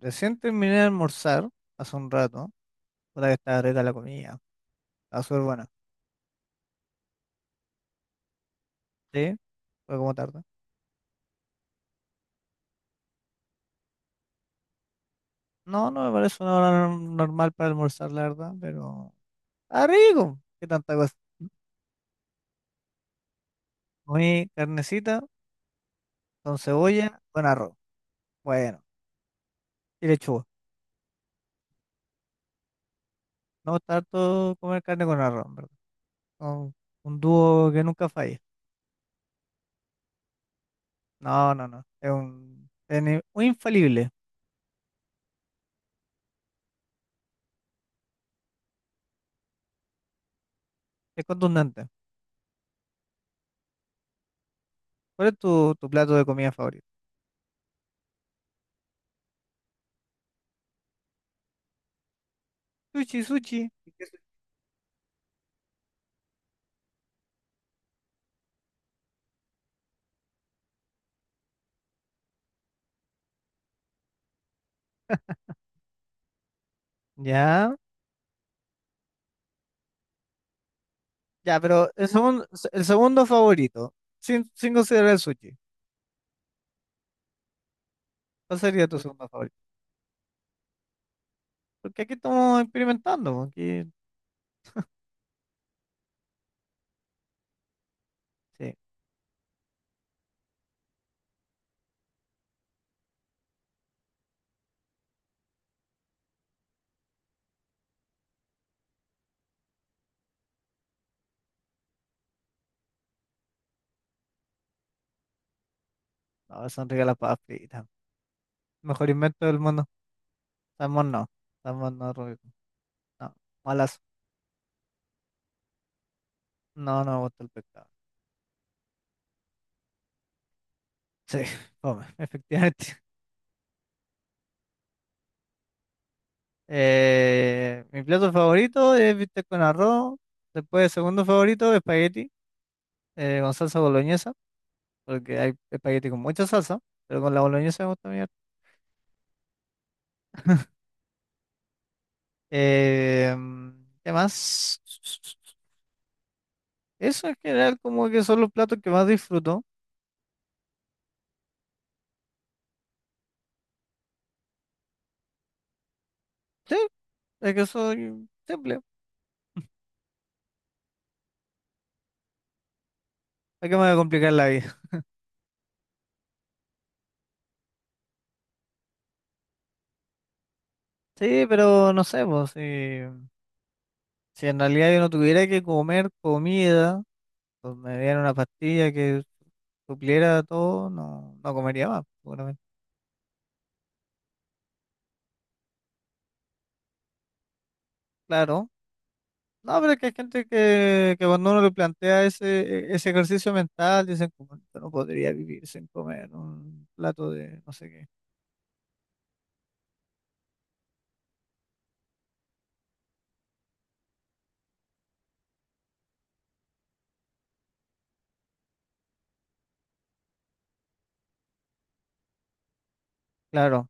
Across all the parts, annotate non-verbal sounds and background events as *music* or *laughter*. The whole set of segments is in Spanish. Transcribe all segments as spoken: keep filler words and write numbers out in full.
Recién terminé de almorzar hace un rato. Puta que estaba rica la comida. Estaba súper buena. Sí, fue como tarde. No, no me parece una hora norm- normal para almorzar, la verdad, pero. ¡Ah, rico! ¿Qué tanta cosa? Comí carnecita con cebolla, con arroz. Bueno, y lechuga. No me gusta harto comer carne con arroz, ¿en verdad? Un, un dúo que nunca falla. No, no, no. Es un. Es ni- un infalible. Es contundente. ¿Cuál es tu, tu plato de comida favorito? Sushi, sushi. ¿Y qué sushi? Ya. Ya, pero el segundo, el segundo favorito, sin, sin considerar el sushi, ¿cuál sería tu segundo favorito? Porque aquí estamos experimentando, po, aquí, sí, no, son ricas las papas fritas. Mejor invento del mundo. Salmón no, salmón no, Rubio, no, malas, no, no me gusta el pescado. Sí, *laughs* come, efectivamente. Eh, mi plato favorito es bistec con arroz, después segundo favorito, espagueti, eh, con salsa boloñesa, porque hay espagueti con mucha salsa, pero con la boloñesa me gusta. Eh, ¿Qué más? Eso en general como que son los platos que más disfruto. Sí, es que soy simple. ¿Para qué me voy a complicar la vida? *laughs* Sí, pero no sé, pues, si, si en realidad yo no tuviera que comer comida, pues me dieran una pastilla que supliera todo, no, no comería más, seguramente. Claro. No, pero es que hay gente que, que cuando uno le plantea ese, ese ejercicio mental, dicen como, yo no podría vivir sin comer un plato de no sé qué. Claro.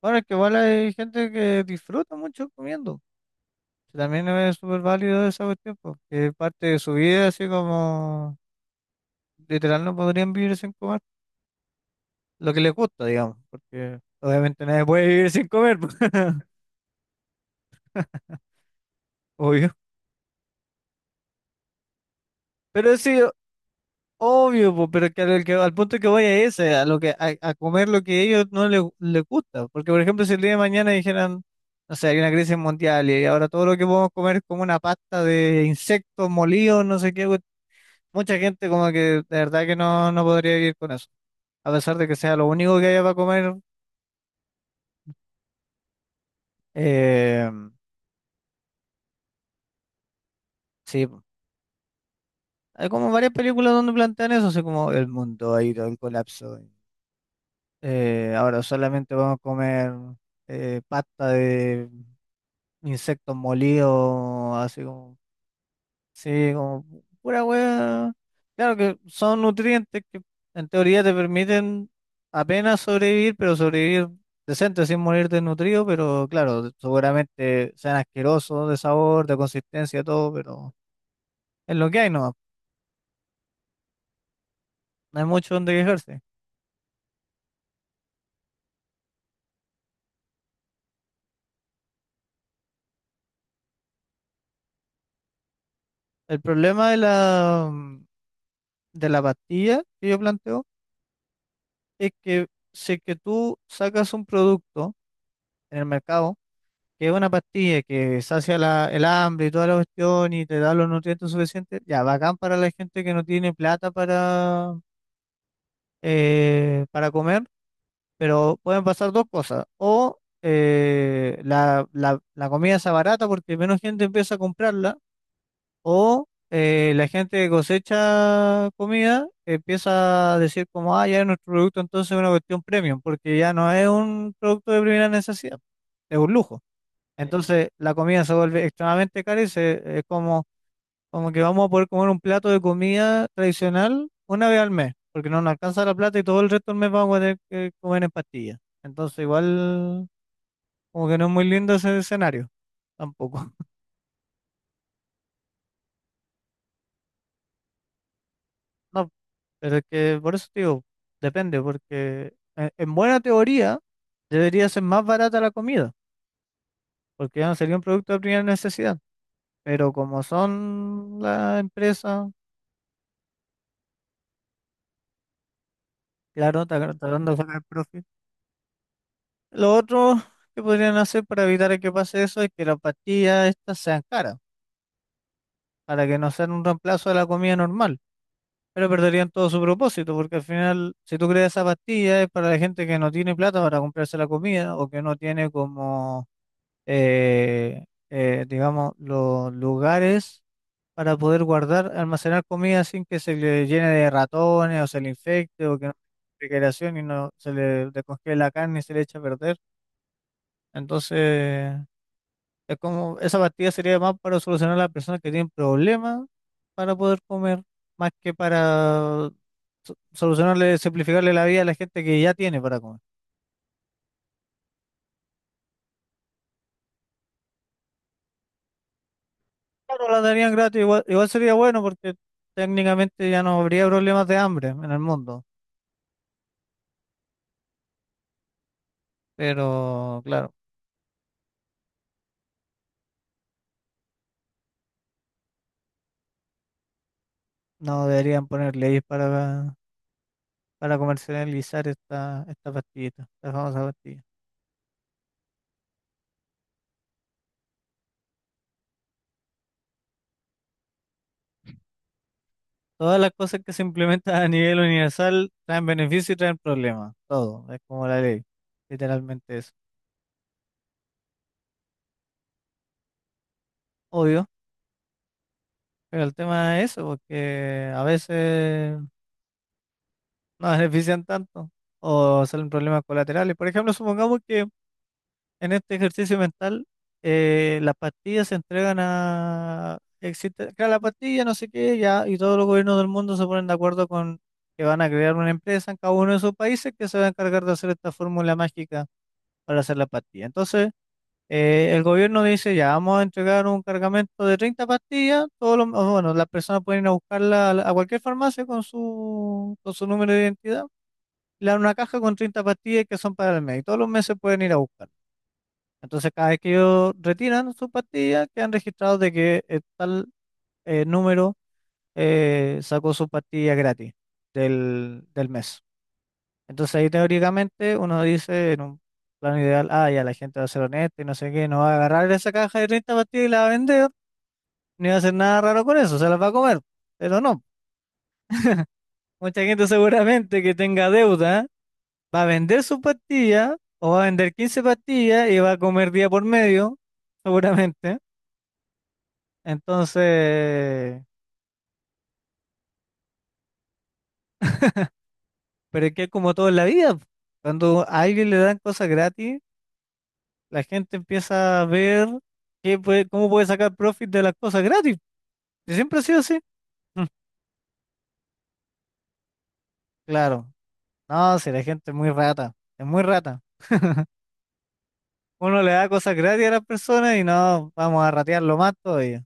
Bueno, es que igual hay gente que disfruta mucho comiendo, que también es súper válido esa cuestión, porque es parte de su vida, así como literal no podrían vivir sin comer. Lo que les gusta, digamos, porque obviamente nadie puede vivir sin comer, po. *laughs* Obvio. Pero sí, obvio, po, pero que al, que- al punto que voy es ese, a, lo que, a, a comer lo que a ellos no les, les gusta. Porque, por ejemplo, si el día de mañana dijeran, no sé, hay una crisis mundial y ahora todo lo que podemos comer es como una pasta de insectos molidos, no sé qué. Mucha gente como que de verdad que no, no podría vivir con eso. A pesar de que sea lo único que haya para comer, eh, sí, po. Hay como varias películas donde plantean eso, así como el mundo ha ido al colapso. Eh, ahora solamente vamos a comer eh, pasta de insectos molidos, así como sí, como pura wea. Claro que son nutrientes que en teoría te permiten apenas sobrevivir, pero sobrevivir decente sin morir desnutrido, pero claro, seguramente sean asquerosos de sabor, de consistencia, todo, pero es lo que hay, no, no hay mucho donde quejarse. El problema de la, mm, de la pastilla que yo planteo es que si es que tú sacas un producto en el mercado, que es una pastilla que sacia la- el hambre y toda la cuestión y te da los nutrientes suficientes, ya, bacán para la gente que no tiene plata para, eh, para comer, pero pueden pasar dos cosas. O eh, la, la, la comida está barata porque menos gente empieza a comprarla, o eh, la gente que cosecha comida empieza a decir como, ah, ya es nuestro producto, entonces es una cuestión premium, porque ya no es un producto de primera necesidad, es un lujo. Entonces la comida se vuelve extremadamente cara y se, es como, como que vamos a poder comer un plato de comida tradicional una vez al mes, porque no nos alcanza la plata y todo el resto del mes vamos a tener que comer en pastillas. Entonces igual como que no es muy lindo ese escenario tampoco. *laughs* No, pero es que por eso te digo, depende, porque en, en buena teoría debería ser más barata la comida, porque ya no sería un producto de primera necesidad. Pero como son las empresas, claro, tra- tratando de sacar profit. Lo otro que podrían hacer para evitar que pase eso es que las pastillas estas sean caras, para que no sean un reemplazo de la comida normal, pero perderían todo su propósito, porque al final, si tú creas esa pastilla, es para la gente que no tiene plata para comprarse la comida o que no tiene como, eh, eh, digamos, los lugares para poder guardar, almacenar comida sin que se le llene de ratones o se le infecte o que no tenga refrigeración y no se le descongele la carne y se le eche a perder. Entonces... Es como, esa pastilla sería más para solucionar a las personas que tienen problemas para poder comer, más que para so- solucionarle, simplificarle la vida a la gente que ya tiene para comer. Claro, la darían gratis, igual, igual sería bueno porque técnicamente ya no habría problemas de hambre en el mundo, pero claro, no deberían poner leyes para, para comercializar esta, esta pastillita, esta famosa pastilla. Todas las cosas que se implementan a nivel universal traen beneficios y traen problemas. Todo. Es como la ley. Literalmente eso. Obvio. Pero el tema es eso, porque a veces no benefician tanto o salen problemas colaterales. Por ejemplo, supongamos que en este ejercicio mental eh, las pastillas se entregan a... Existe, crea la pastilla, no sé qué, ya, y todos los gobiernos del mundo se ponen de acuerdo con que van a crear una empresa en cada uno de esos países que se va a encargar de hacer esta fórmula mágica para hacer la pastilla. Entonces, eh, el gobierno dice, ya vamos a entregar un cargamento de treinta pastillas, todos los, bueno, las personas pueden ir a buscarla a, a cualquier farmacia con su, con su número de identidad, le dan una caja con treinta pastillas que son para el mes, y todos los meses pueden ir a buscar. Entonces, cada vez que ellos retiran sus pastillas, quedan registrados de que eh, tal eh, número eh, sacó su pastilla gratis del, del mes. Entonces ahí teóricamente uno dice en un plano ideal, ah, ya la gente va a ser honesta y no sé qué, no va a agarrar esa caja de treinta pastillas y la va a vender, ni va a hacer nada raro con eso, se las va a comer. Pero no, mucha gente seguramente que tenga deuda va a vender su pastilla o va a vender quince pastillas y va a comer día por medio, seguramente. Entonces, pero es que es como todo en la vida. Cuando a alguien le dan cosas gratis, la gente empieza a ver qué puede- cómo puede sacar profit de las cosas gratis. ¿Y siempre ha sido así? Mm, Claro. No, si la gente es muy rata, es muy rata. *laughs* Uno le da cosas gratis a las personas y no, vamos a ratearlo más todavía.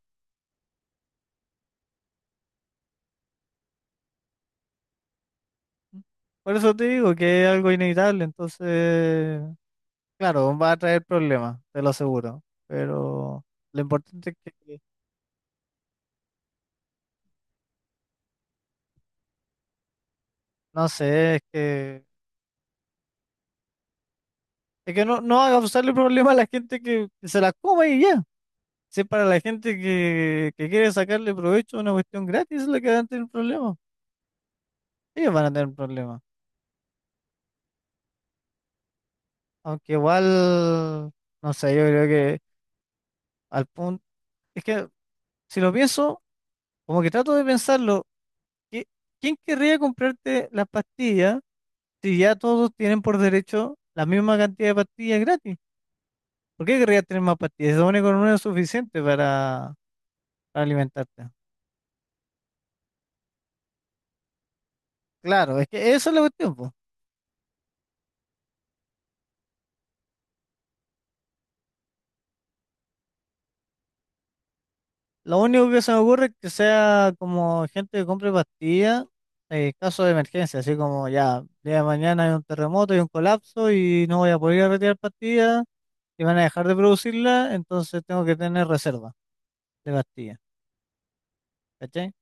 Por eso te digo que es algo inevitable, entonces, claro, va a traer problemas, te lo aseguro. Pero lo importante es que, no sé, es que, es que no, no haga causarle problemas a la gente que, que se las coma y ya. Si es para la gente que, que quiere sacarle provecho a una cuestión gratis, es la que van a tener problemas. Ellos van a tener problemas. Aunque igual, no sé, yo creo que al punto, es que si lo pienso, como que trato de pensarlo, ¿qui- ¿quién querría comprarte las pastillas si ya todos tienen por derecho la misma cantidad de pastillas gratis? ¿Por qué querrías tener más pastillas? Se supone que con una es suficiente para, para alimentarte. Claro, es que eso es la cuestión, po. Lo único que se me ocurre es que sea como gente que compre pastillas en caso de emergencia, así como ya, día de mañana hay un terremoto y un colapso y no voy a poder ir a retirar pastillas, y van a dejar de producirla, entonces tengo que tener reserva de pastillas, ¿cachai?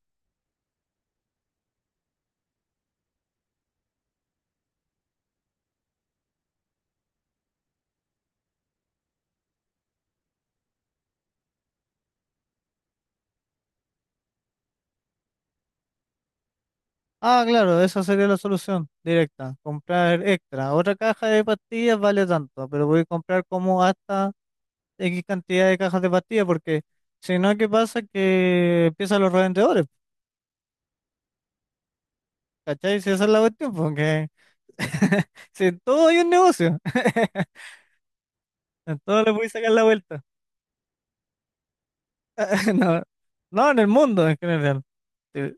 Ah, claro, esa sería la solución directa, comprar extra. Otra caja de pastillas vale tanto, pero voy a comprar como hasta X cantidad de cajas de pastillas, porque si no, ¿qué pasa? Que empiezan los revendedores, ¿cachai? Si esa es la cuestión, porque *laughs* si en todo hay un negocio, *laughs* en todo le voy sacar la vuelta. *laughs* No, no, en el mundo en general. Sí,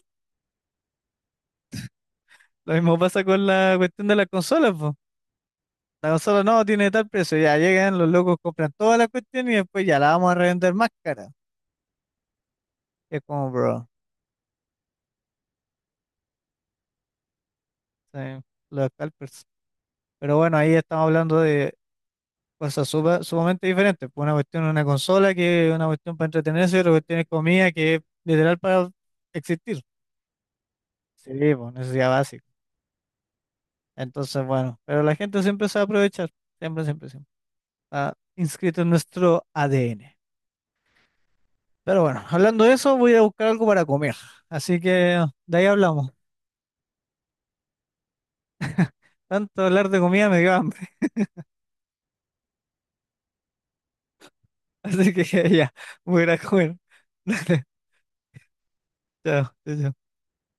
lo mismo pasa con la cuestión de las consolas. La consola no tiene tal precio, ya llegan los locos, compran toda la cuestión y después ya la vamos a revender más cara. Es como, bro, sí, los scalpers. Pero bueno, ahí estamos hablando de cosas supa- sumamente diferentes, pues. Una cuestión es una consola, que es una cuestión para entretenerse, y otra cuestión es comida, que es literal para existir. Sí, pues necesidad básica. Entonces, bueno, pero la gente siempre se va a aprovechar, siempre, siempre, siempre. Está inscrito en nuestro A D N. Pero bueno, hablando de eso, voy a buscar algo para comer. Así que de ahí hablamos. Tanto hablar de comida me dio hambre. Así que *laughs* ya, voy a ir a comer. *laughs* Dale, chao, chao, chao.